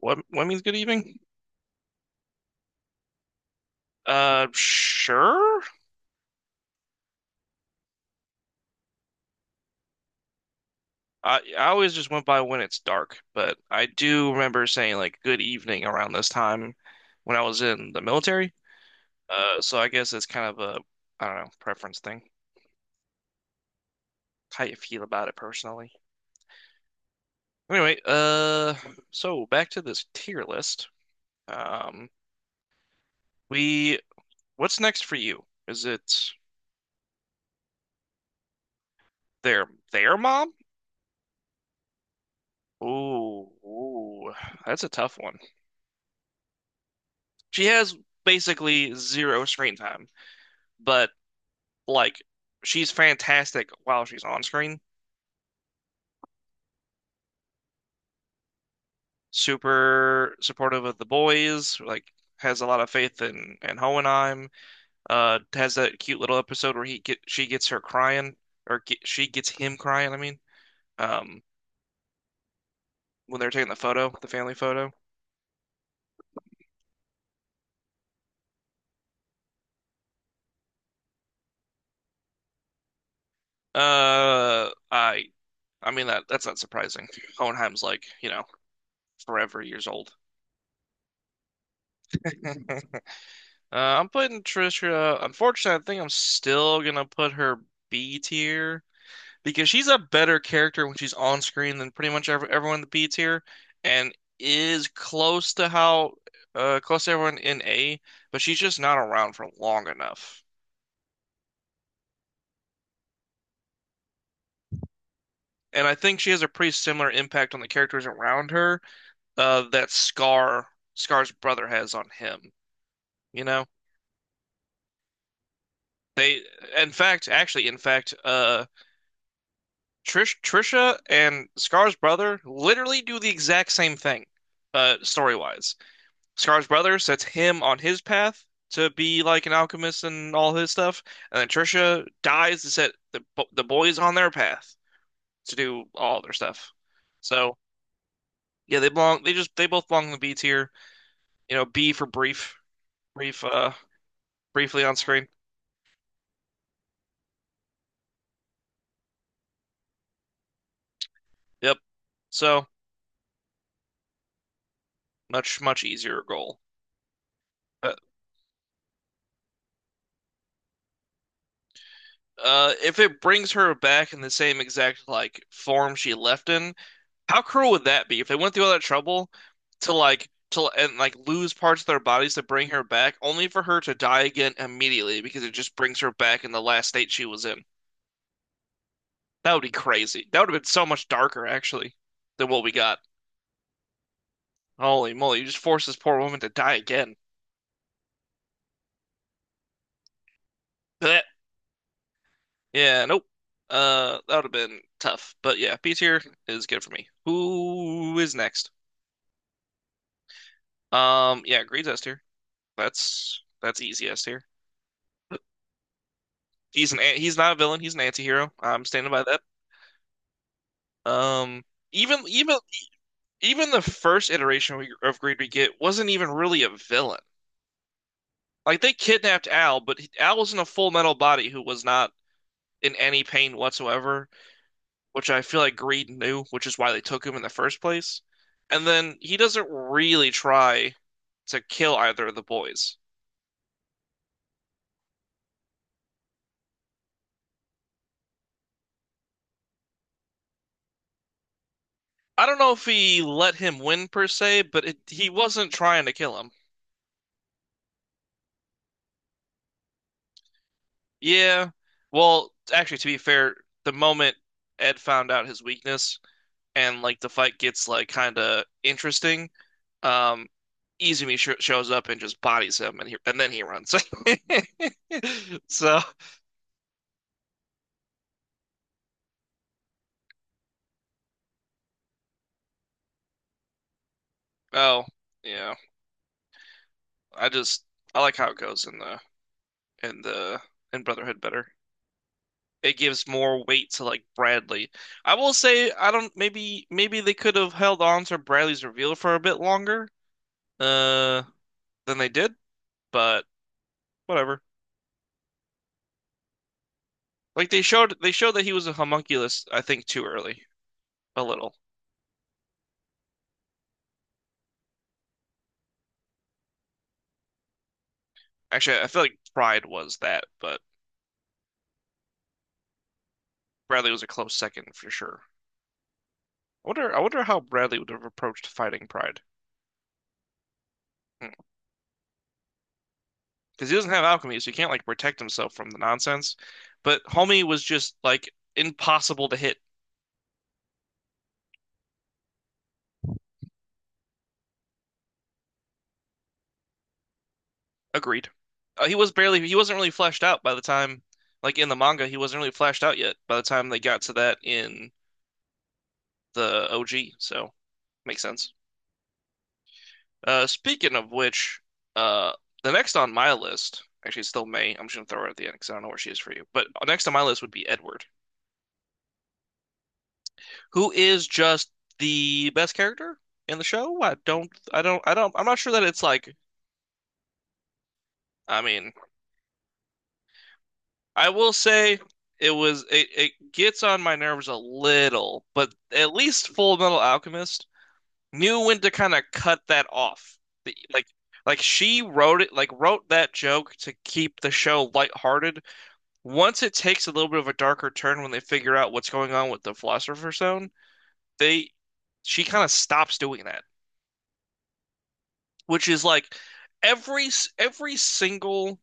What means good evening? Sure. I always just went by when it's dark, but I do remember saying like good evening around this time when I was in the military. So I guess it's kind of a I don't know preference thing, how you feel about it personally. Anyway, so back to this tier list. Um, we what's next for you? Is it their mom? Ooh, ooh, that's a tough one. She has basically zero screen time, but like she's fantastic while she's on screen. Super supportive of the boys, like has a lot of faith in Hohenheim. Has that cute little episode where he get she gets her crying or she gets him crying. I mean, um, when they're taking the photo, the family photo. Uh, I I mean that's not surprising. Hohenheim's like, you know, forever years old. I'm putting Trisha. Unfortunately, I think I'm still gonna put her B tier because she's a better character when she's on screen than pretty much everyone in the B tier, and is close to how close to everyone in A, but she's just not around for long enough. And I think she has a pretty similar impact on the characters around her that Scar's brother has on him. You know, they in fact, Trisha and Scar's brother literally do the exact same thing, story-wise. Scar's brother sets him on his path to be like an alchemist and all his stuff, and then Trisha dies to set the boys on their path to do all their stuff. So yeah, they belong. They both belong in the B tier. You know, B for brief, brief, briefly on screen. Yep. So much easier goal. Uh, if it brings her back in the same exact like form she left in, how cruel would that be? If they went through all that trouble to like to and like lose parts of their bodies to bring her back, only for her to die again immediately because it just brings her back in the last state she was in. That would be crazy. That would have been so much darker actually than what we got. Holy moly, you just forced this poor woman to die again. Blech. Yeah, nope. That would have been tough. But yeah, B tier is good for me. Who is next? Yeah, Greed's S tier. That's easiest here. He's not a villain. He's an anti-hero. I'm standing by that. Um, even even Even the first iteration of Greed we get wasn't even really a villain. Like they kidnapped Al, but Al was in a full metal body who was not in any pain whatsoever, which I feel like Greed knew, which is why they took him in the first place. And then he doesn't really try to kill either of the boys. I don't know if he let him win per se, but he wasn't trying to kill him. Yeah. Well, actually, to be fair, the moment Ed found out his weakness and like the fight gets like kind of interesting, um, Izumi sh shows up and just bodies him, and he and then he runs. So, oh yeah, I just I like how it goes in the in the in Brotherhood better. It gives more weight to like Bradley. I will say I don't maybe they could have held on to Bradley's reveal for a bit longer uh than they did, but whatever. Like they showed that he was a homunculus, I think, too early. A little. Actually, I feel like Pride was that, but Bradley was a close second for sure. I wonder how Bradley would have approached fighting Pride. Because he doesn't have alchemy, so he can't like protect himself from the nonsense. But Homie was just like impossible to hit. Agreed. He wasn't really fleshed out by the time he wasn't really fleshed out yet by the time they got to that in the OG, so makes sense. Speaking of which, uh, the next on my list, actually, it's still May. I'm just gonna throw her at the end because I don't know where she is for you. But next on my list would be Edward, who is just the best character in the show. I don't. I'm not sure that it's like. I mean, I will say it was. It gets on my nerves a little, but at least Full Metal Alchemist knew when to kind of cut that off. The, like She wrote it, like wrote that joke to keep the show lighthearted once it takes a little bit of a darker turn when they figure out what's going on with the Philosopher's Stone, they she kind of stops doing that, which is like every every single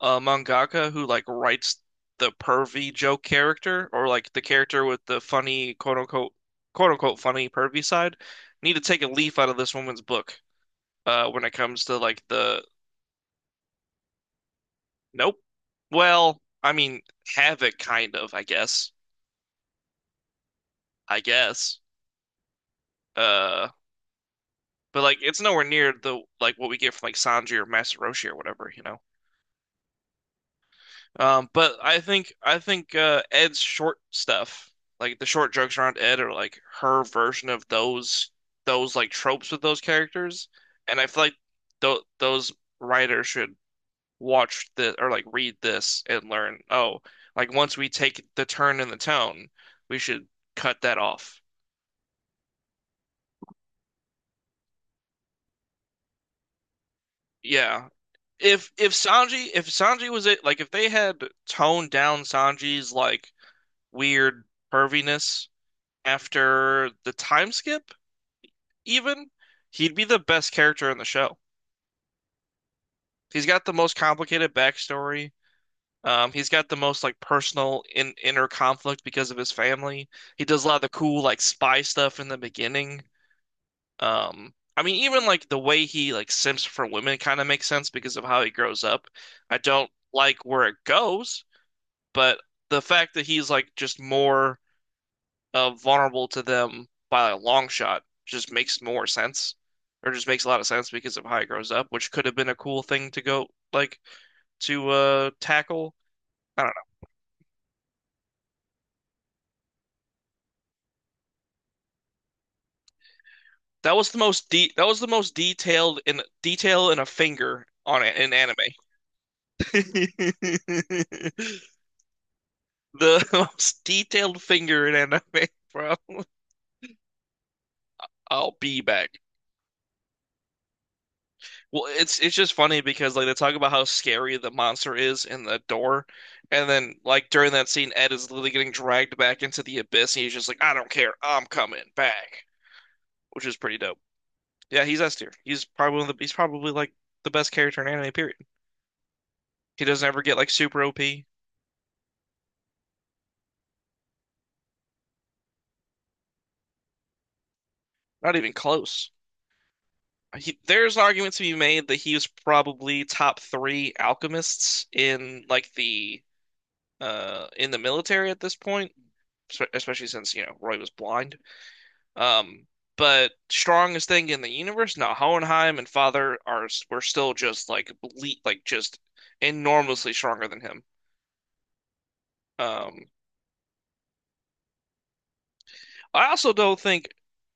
mangaka who like writes the pervy joke character or like the character with the funny quote unquote funny pervy side need to take a leaf out of this woman's book when it comes to like the nope. Well, I mean, have it kind of, I guess. I guess. Uh, But like it's nowhere near the like what we get from like Sanji or Master Roshi or whatever, you know. But I think Ed's short stuff, like the short jokes around Ed, are like her version of those like tropes with those characters, and I feel like th those writers should watch this or like read this and learn. Oh, like once we take the turn in the tone, we should cut that off. Yeah, if Sanji was it like if they had toned down Sanji's like weird perviness after the time skip even he'd be the best character in the show. He's got the most complicated backstory. He's got the most like personal inner conflict because of his family. He does a lot of the cool like spy stuff in the beginning. I mean, even like the way he like simps for women kind of makes sense because of how he grows up. I don't like where it goes, but the fact that he's like just more vulnerable to them by a long shot just makes more sense, or just makes a lot of sense because of how he grows up, which could have been a cool thing to go like to tackle. I don't know. That was the most detailed in a finger on it in anime. The most detailed finger in anime, bro. I'll be back. Well, it's just funny because like they talk about how scary the monster is in the door, and then like during that scene, Ed is literally getting dragged back into the abyss, and he's just like, "I don't care, I'm coming back," which is pretty dope. Yeah, he's S tier. He's probably like the best character in anime, period. He doesn't ever get like super OP, not even close. There's an argument to be made that he was probably top three alchemists in like the in the military at this point, especially since you know Roy was blind. Um, but strongest thing in the universe? No, Hohenheim and Father are were still just like ble like just enormously stronger than him. Um, I also don't think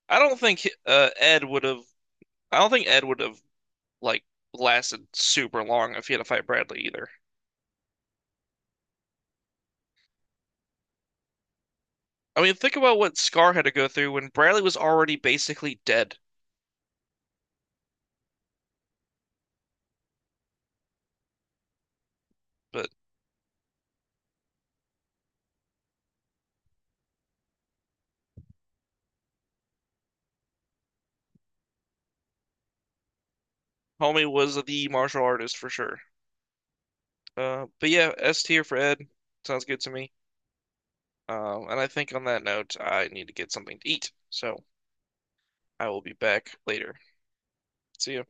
I don't think Ed would have like lasted super long if he had to fight Bradley either. I mean, think about what Scar had to go through when Bradley was already basically dead, but homie was the martial artist for sure. But yeah, S tier for Ed. Sounds good to me. And I think on that note, I need to get something to eat. So I will be back later. See you.